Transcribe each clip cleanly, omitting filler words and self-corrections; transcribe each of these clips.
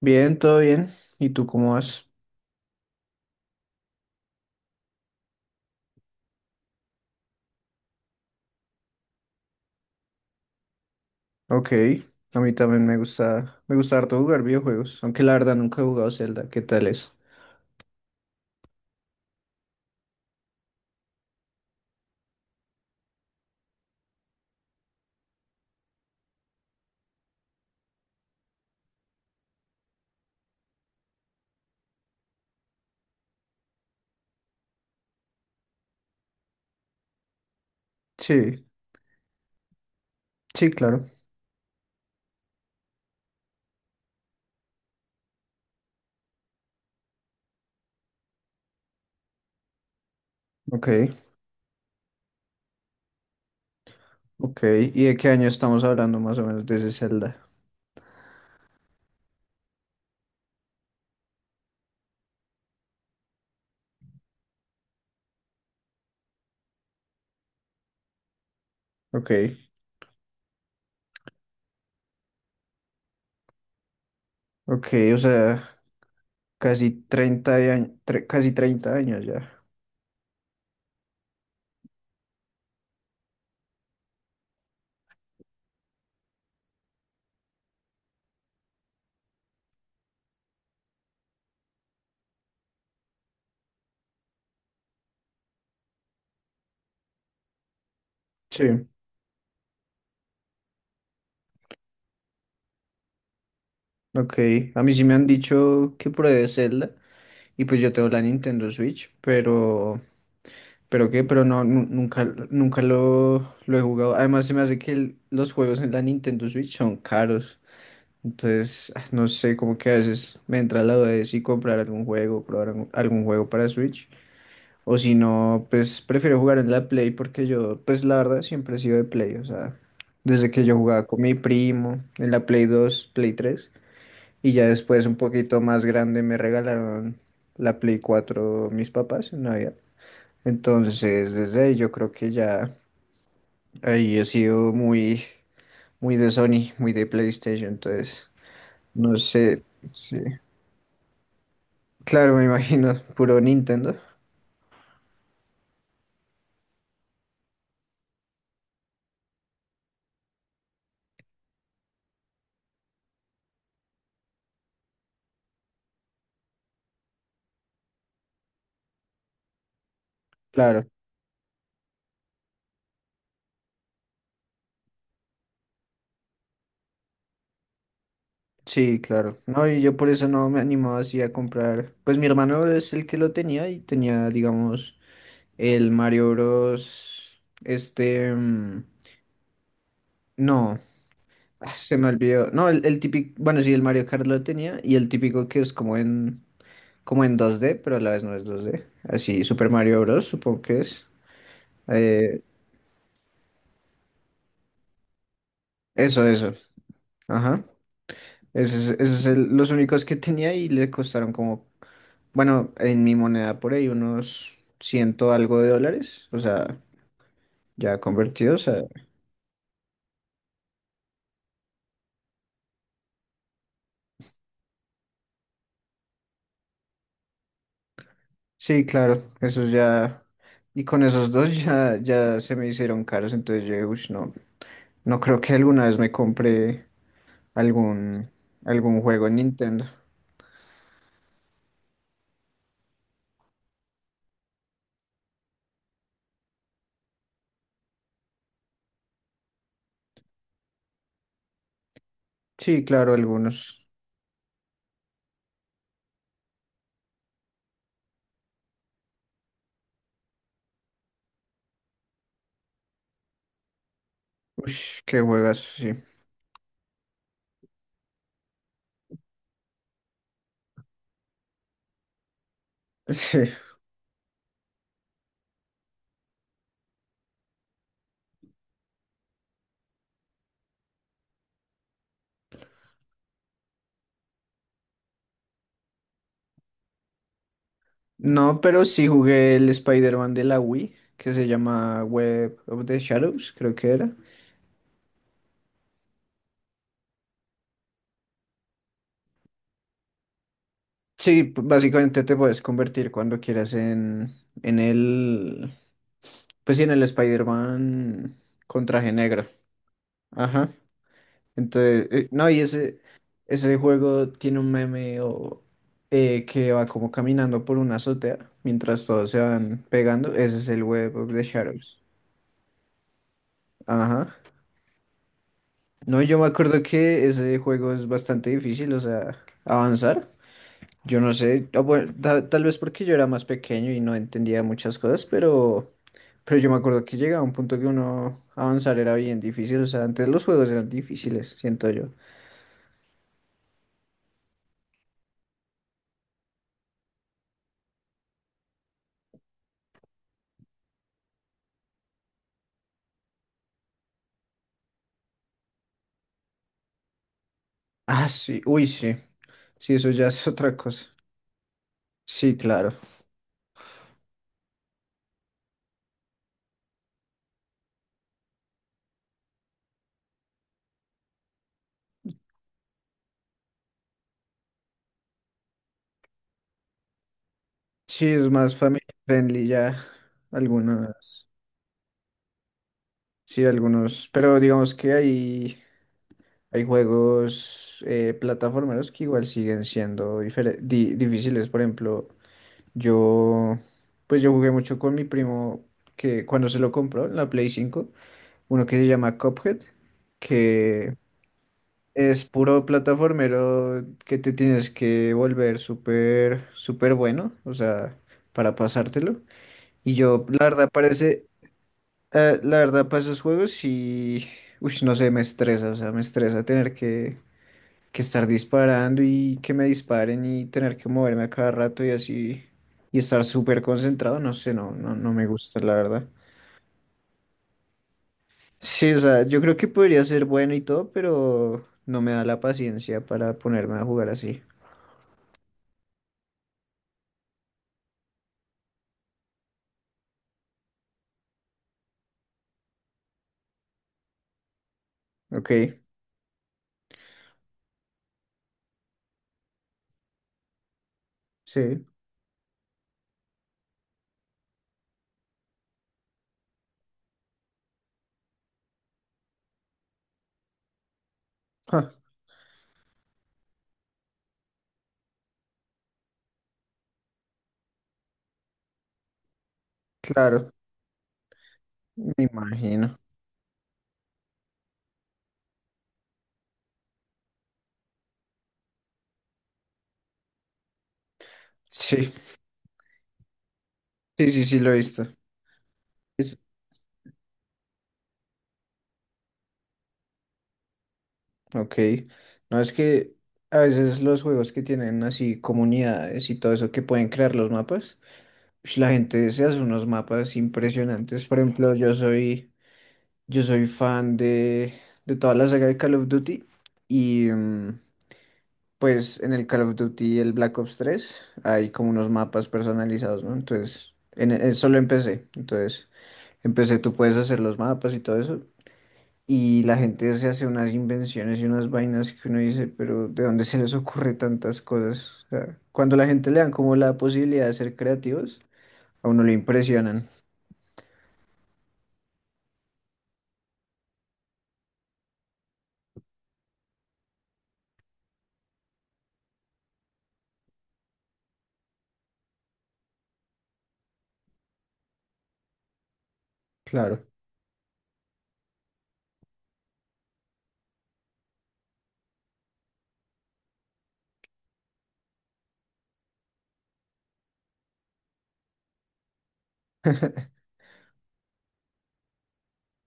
Bien, todo bien. ¿Y tú cómo vas? Ok, a mí también me gusta harto jugar videojuegos, aunque la verdad nunca he jugado Zelda. ¿Qué tal es? Sí, sí, claro. Ok, ok. ¿Y de qué año estamos hablando más o menos de ese Zelda? Ok, ok, o sea, casi 30 años, casi 30 años ya. Sí, ok. A mí sí me han dicho que pruebe Zelda y pues yo tengo la Nintendo Switch, pero... Pero qué, pero no, nunca, nunca lo he jugado. Además, se me hace que los juegos en la Nintendo Switch son caros. Entonces, no sé, como que a veces me entra la duda de si comprar algún juego, probar algún juego para Switch. O si no, pues prefiero jugar en la Play porque yo, pues la verdad, siempre he sido de Play. O sea, desde que yo jugaba con mi primo en la Play 2 Play 3. Y ya después, un poquito más grande, me regalaron la Play 4 mis papás en Navidad. Entonces, desde ahí yo creo que ya ahí he sido muy, muy de Sony, muy de PlayStation. Entonces, no sé, sí. Claro, me imagino, puro Nintendo. Claro, sí, claro. No, y yo por eso no me animaba así a comprar. Pues mi hermano es el que lo tenía y tenía, digamos, el Mario Bros. Este, no, se me olvidó. No, el típico, bueno, sí, el Mario Kart lo tenía y el típico que es como en 2D, pero a la vez no es 2D. Así, Super Mario Bros. Supongo que es. Eh, eso, eso. Ajá. Esos, esos son los únicos que tenía y le costaron como, bueno, en mi moneda por ahí unos ciento algo de dólares. O sea, ya convertidos a... Sí, claro, esos ya... Y con esos dos ya se me hicieron caros, entonces yo dije: "Ush, no, no creo que alguna vez me compre algún, algún juego en Nintendo". Sí, claro, algunos. Uy, qué juegas, sí. Sí. No, pero sí jugué el Spider-Man de la Wii, que se llama Web of the Shadows, creo que era. Sí, básicamente te puedes convertir cuando quieras en, en el, pues sí, en el Spider-Man con traje negro. Ajá. Entonces, no, y ese juego tiene un meme o, que va como caminando por una azotea mientras todos se van pegando. Ese es el Web of the Shadows. Ajá. No, yo me acuerdo que ese juego es bastante difícil, o sea, avanzar. Yo no sé, bueno, tal vez porque yo era más pequeño y no entendía muchas cosas, pero yo me acuerdo que llegaba un punto que uno avanzar era bien difícil, o sea, antes los juegos eran difíciles, siento yo. Ah, sí, uy, sí, sí, eso ya es otra cosa. Sí, claro. Sí, es más family friendly ya algunas, sí, algunos, pero digamos que ahí hay juegos plataformeros que igual siguen siendo difíciles. Por ejemplo, yo, pues yo jugué mucho con mi primo que cuando se lo compró la Play 5, uno que se llama Cuphead, que es puro plataformero que te tienes que volver súper, súper bueno, o sea, para pasártelo. Y yo, la verdad, parece, la verdad, para esos juegos y, uy, no sé, me estresa, o sea, me estresa tener que estar disparando y que me disparen y tener que moverme a cada rato y así y estar súper concentrado, no sé, no, no, no me gusta, la verdad. Sí, o sea, yo creo que podría ser bueno y todo, pero no me da la paciencia para ponerme a jugar así. Ok, sí. Ja, claro, me imagino. Sí, sí, sí, sí, lo he visto. Es, ok. No, es que a veces los juegos que tienen así comunidades y todo eso que pueden crear los mapas. Ush, la gente se hace unos mapas impresionantes. Por ejemplo, yo soy fan de toda la saga de Call of Duty. Y pues en el Call of Duty, el Black Ops 3 hay como unos mapas personalizados, ¿no? Entonces, solo empecé. Entonces, empecé, tú puedes hacer los mapas y todo eso. Y la gente se hace unas invenciones y unas vainas que uno dice, pero ¿de dónde se les ocurre tantas cosas? O sea, cuando la gente le dan como la posibilidad de ser creativos, a uno le impresionan. Claro.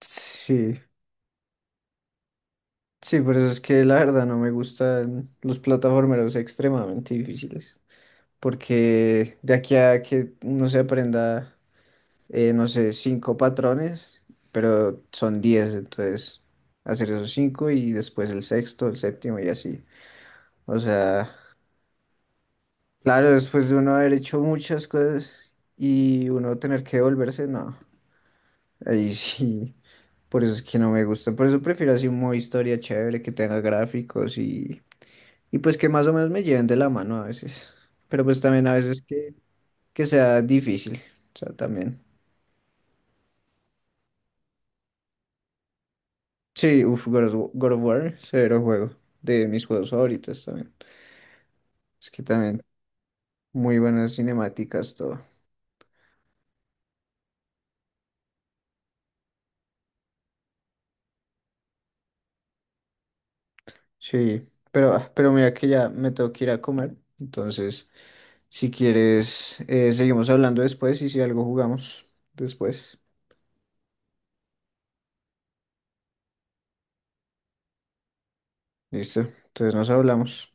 Sí, sí, por eso es que la verdad no me gustan los plataformeros extremadamente difíciles, porque de aquí a que uno se aprenda, no sé, cinco patrones, pero son 10, entonces hacer esos cinco y después el sexto, el séptimo y así. O sea, claro, después de uno haber hecho muchas cosas y uno tener que devolverse, no, ahí sí. Por eso es que no me gusta. Por eso prefiero así un modo historia chévere que tenga gráficos y pues que más o menos me lleven de la mano a veces. Pero pues también a veces que sea difícil. O sea, también. Sí, uff, God of, God of War, severo juego. De mis juegos favoritos también. Es que también muy buenas cinemáticas, todo. Sí, pero, pero mira que ya me tengo que ir a comer. Entonces, si quieres, seguimos hablando después y si algo jugamos después. Listo. Entonces nos hablamos.